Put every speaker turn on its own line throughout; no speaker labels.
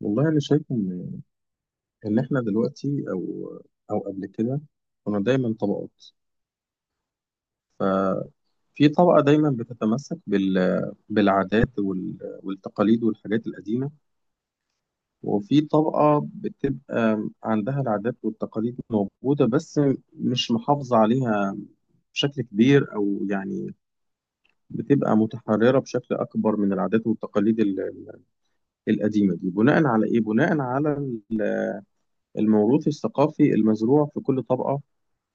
والله انا شايف ان احنا دلوقتي او قبل كده كنا دايما طبقات. ففي طبقه دايما بتتمسك بالعادات والتقاليد والحاجات القديمه، وفي طبقه بتبقى عندها العادات والتقاليد موجوده بس مش محافظه عليها بشكل كبير، او يعني بتبقى متحرره بشكل اكبر من العادات والتقاليد القديمه دي، بناء على ايه؟ بناء على الموروث الثقافي المزروع في كل طبقه.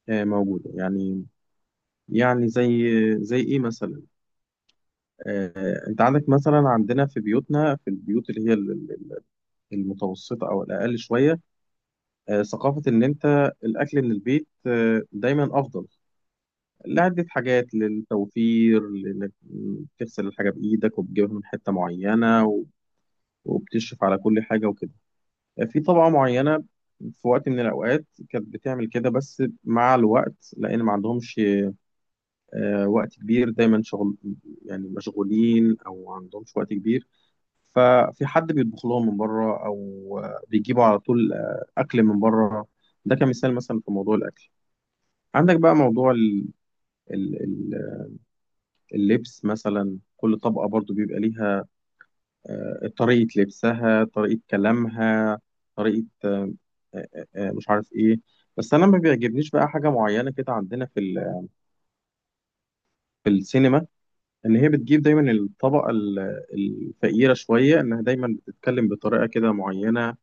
آه، موجودة يعني. يعني زي زي ايه مثلا، آه، انت عندك مثلا عندنا في بيوتنا، في البيوت اللي هي المتوسطة او الاقل شوية، آه، ثقافة ان انت الاكل من البيت آه، دايما افضل، لعدة حاجات، للتوفير، لانك تغسل الحاجة بايدك وبتجيبها من حتة معينة وبتشرف على كل حاجة وكده. آه، في طبقة معينة في وقت من الأوقات كانت بتعمل كده، بس مع الوقت لأن ما عندهمش آه، وقت كبير، دايما شغل، يعني مشغولين او ما عندهمش وقت كبير، ففي حد بيطبخ لهم من بره او آه، بيجيبوا على طول آه، اكل من بره. ده كمثال مثلا في موضوع الاكل. عندك بقى موضوع ال- ال- اللبس مثلا، كل طبقة برضو بيبقى ليها آه، طريقة لبسها، طريقة كلامها، طريقة مش عارف ايه. بس انا ما بيعجبنيش بقى حاجة معينة كده عندنا في في السينما، ان هي بتجيب دايما الطبقه الفقيره شويه انها دايما بتتكلم بطريقه كده معينه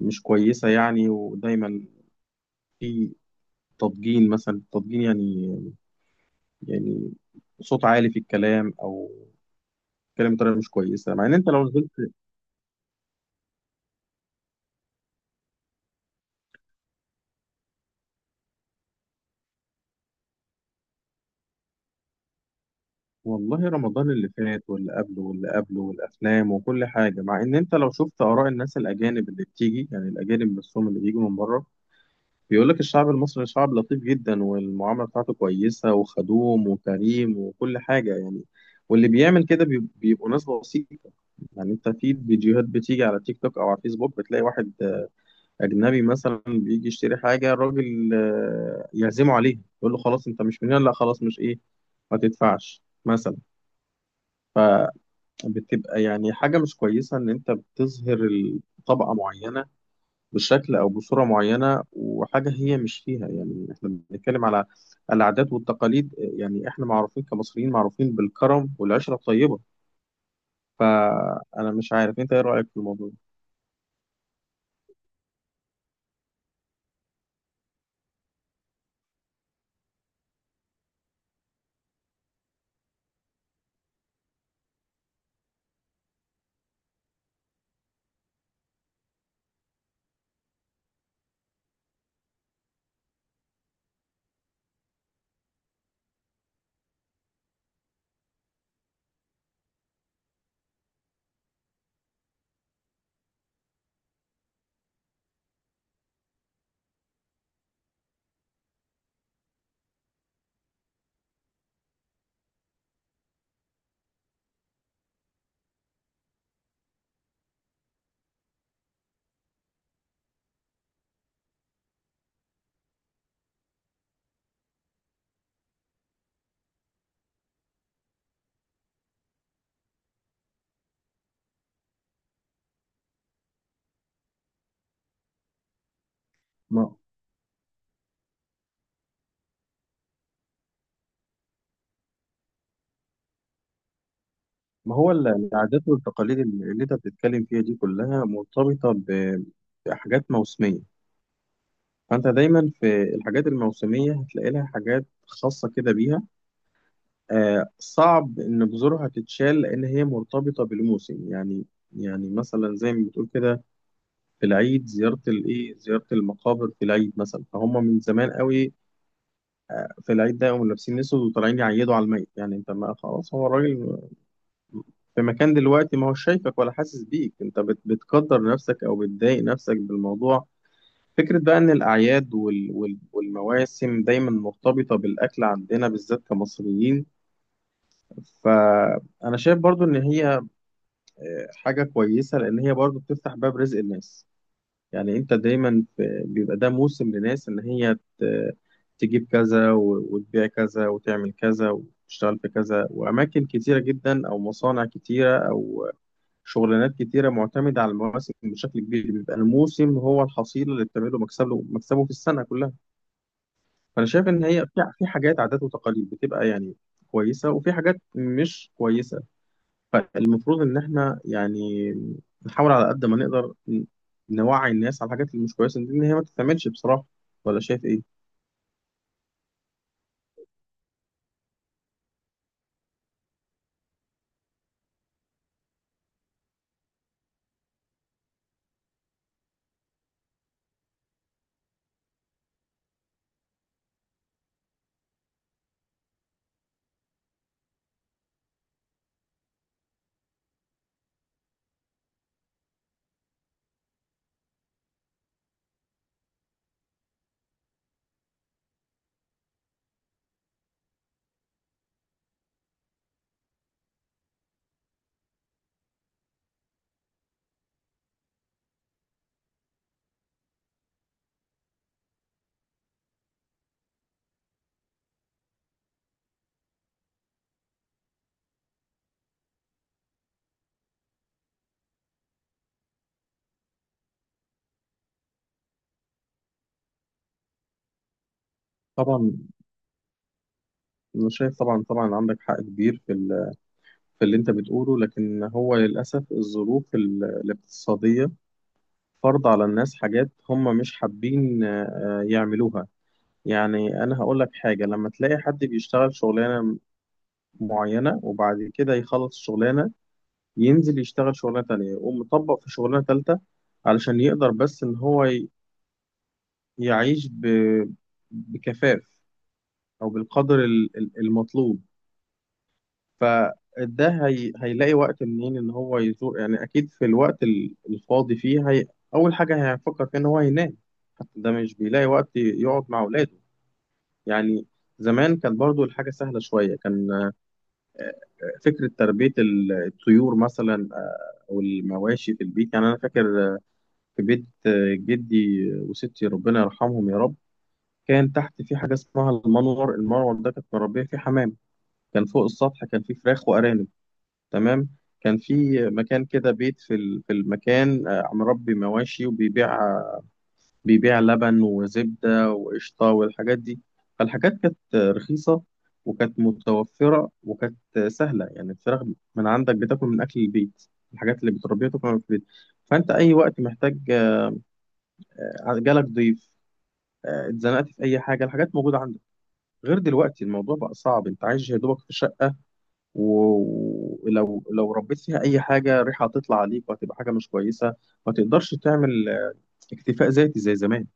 مش كويسه يعني، ودايما في تضجين مثلا، التضجين يعني صوت عالي في الكلام، او كلام بطريقه مش كويسه، مع ان انت لو نزلت. والله رمضان اللي فات واللي قبله واللي قبله والافلام وكل حاجه، مع ان انت لو شفت اراء الناس الاجانب اللي بتيجي، يعني الاجانب نفسهم اللي بيجوا من بره، بيقول لك الشعب المصري شعب لطيف جدا والمعاملة بتاعته كويسة وخدوم وكريم وكل حاجة يعني. واللي بيعمل كده بيبقوا ناس بسيطة. يعني انت في فيديوهات بتيجي على تيك توك او على فيسبوك، بتلاقي واحد اجنبي مثلا بيجي يشتري حاجة، الراجل آه، يعزمه عليها، يقول له خلاص انت مش من هنا، لا خلاص، مش ايه، ما تدفعش مثلا. فبتبقى يعني حاجة مش كويسة ان انت بتظهر طبقة معينة بشكل أو بصورة معينة وحاجة هي مش فيها، يعني إحنا بنتكلم على العادات والتقاليد، يعني إحنا معروفين كمصريين، معروفين بالكرم والعشرة الطيبة. فأنا مش عارف أنت إيه رأيك في الموضوع ده؟ ما ما هو العادات والتقاليد اللي أنت بتتكلم فيها دي كلها مرتبطة بحاجات موسمية، فأنت دايما في الحاجات الموسمية هتلاقي لها حاجات خاصة كده بيها. آه صعب إن جذورها تتشال لأن هي مرتبطة بالموسم يعني. يعني مثلا زي ما بتقول كده، في العيد زيارة الإيه، زيارة المقابر في العيد مثلا، فهم من زمان قوي في العيد ده يقوموا لابسين أسود وطالعين يعيدوا على الميت، يعني أنت ما خلاص هو الراجل في مكان دلوقتي، ما هو شايفك ولا حاسس بيك، أنت بتقدر نفسك أو بتضايق نفسك بالموضوع. فكرة بقى إن الأعياد والمواسم دايما مرتبطة بالأكل عندنا بالذات كمصريين. فأنا شايف برضو إن هي حاجة كويسة، لأن هي برضو بتفتح باب رزق الناس. يعني انت دايما في بيبقى ده موسم لناس ان تجيب كذا وتبيع كذا وتعمل كذا وتشتغل في كذا، واماكن كتيره جدا او مصانع كتيره او شغلانات كتيره معتمده على المواسم بشكل كبير، بيبقى الموسم هو الحصيله اللي بتعمله مكسبه، في السنه كلها. فانا شايف ان هي في حاجات عادات وتقاليد بتبقى يعني كويسه وفي حاجات مش كويسه، فالمفروض ان احنا يعني نحاول على قد ما نقدر نوعي الناس على الحاجات اللي مش كويسه دي ان هي ما تتعملش بصراحه. ولا شايف ايه؟ طبعا، انا شايف طبعا، طبعا عندك حق كبير في في اللي انت بتقوله، لكن هو للاسف الظروف الاقتصاديه فرض على الناس حاجات هم مش حابين آه، يعملوها. يعني انا هقول لك حاجه، لما تلاقي حد بيشتغل شغلانه معينه وبعد كده يخلص الشغلانه، ينزل يشتغل شغلانة تانية، يقوم مطبق في شغلانة تالتة، علشان يقدر بس إن يعيش بكفاف، أو بالقدر المطلوب. هيلاقي وقت منين إن هو يزور؟ يعني أكيد في الوقت الفاضي أول حاجة هيفكر فيها إن هو ينام. حتى ده مش بيلاقي وقت يقعد مع أولاده يعني. زمان كانت برضو الحاجة سهلة شوية، كان فكرة تربية الطيور مثلا آه، أو المواشي في البيت. يعني أنا فاكر في بيت آه، جدي وستي، ربنا يرحمهم يا رب، كان تحت في حاجة اسمها المنور، المنور ده كانت مربية فيه حمام، كان فوق السطح كان فيه فراخ وأرانب. تمام. كان في مكان كده، بيت في في المكان آه، مربي مواشي وبيبيع لبن وزبدة وقشطة والحاجات دي. فالحاجات كانت رخيصة وكانت متوفرة وكانت سهلة، يعني الفراخ من عندك بتاكل من أكل البيت، الحاجات اللي بتربيها تاكل من أكل البيت، فأنت أي وقت محتاج، آه، جالك ضيف آه، اتزنقت في اي حاجه، الحاجات موجوده عندك. غير دلوقتي الموضوع بقى صعب، انت عايش يا دوبك في شقه، ولو ربيت فيها اي حاجه ريحه هتطلع عليك وهتبقى حاجه مش كويسه، ما تقدرش تعمل آه، اكتفاء ذاتي زي زمان.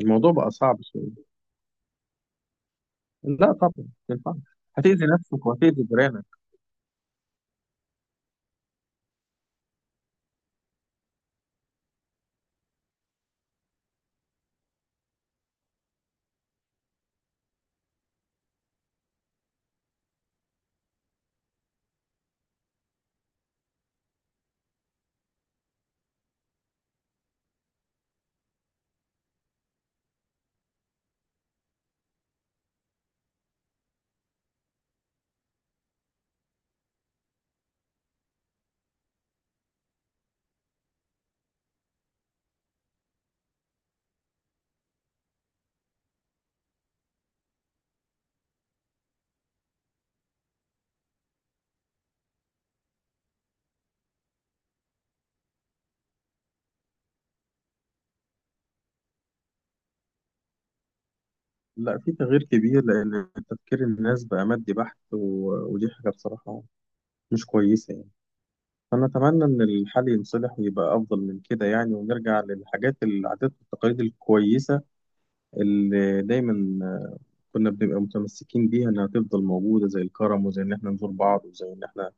الموضوع بقى صعب شويه. لا طبعا ما ينفعش، هتأذي نفسك وهتأذي جيرانك. لا، في تغيير كبير، لأن تفكير الناس بقى مادي بحت، ودي حاجة بصراحة مش كويسة يعني. فأنا أتمنى إن الحل ينصلح ويبقى أفضل من كده يعني، ونرجع للحاجات، العادات والتقاليد الكويسة اللي دايما كنا بنبقى متمسكين بيها، انها تفضل موجوده، زي الكرم، وزي ان احنا نزور بعض، وزي ان احنا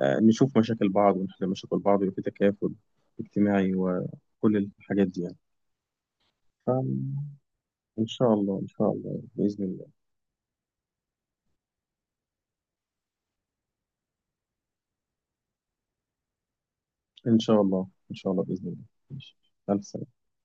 آه، نشوف مشاكل بعض ونحل مشاكل بعض، ويبقى في تكافل اجتماعي وكل الحاجات دي يعني. فان شاء الله، ان شاء الله باذن الله. ان شاء الله ان شاء الله باذن الله. ماشي. الف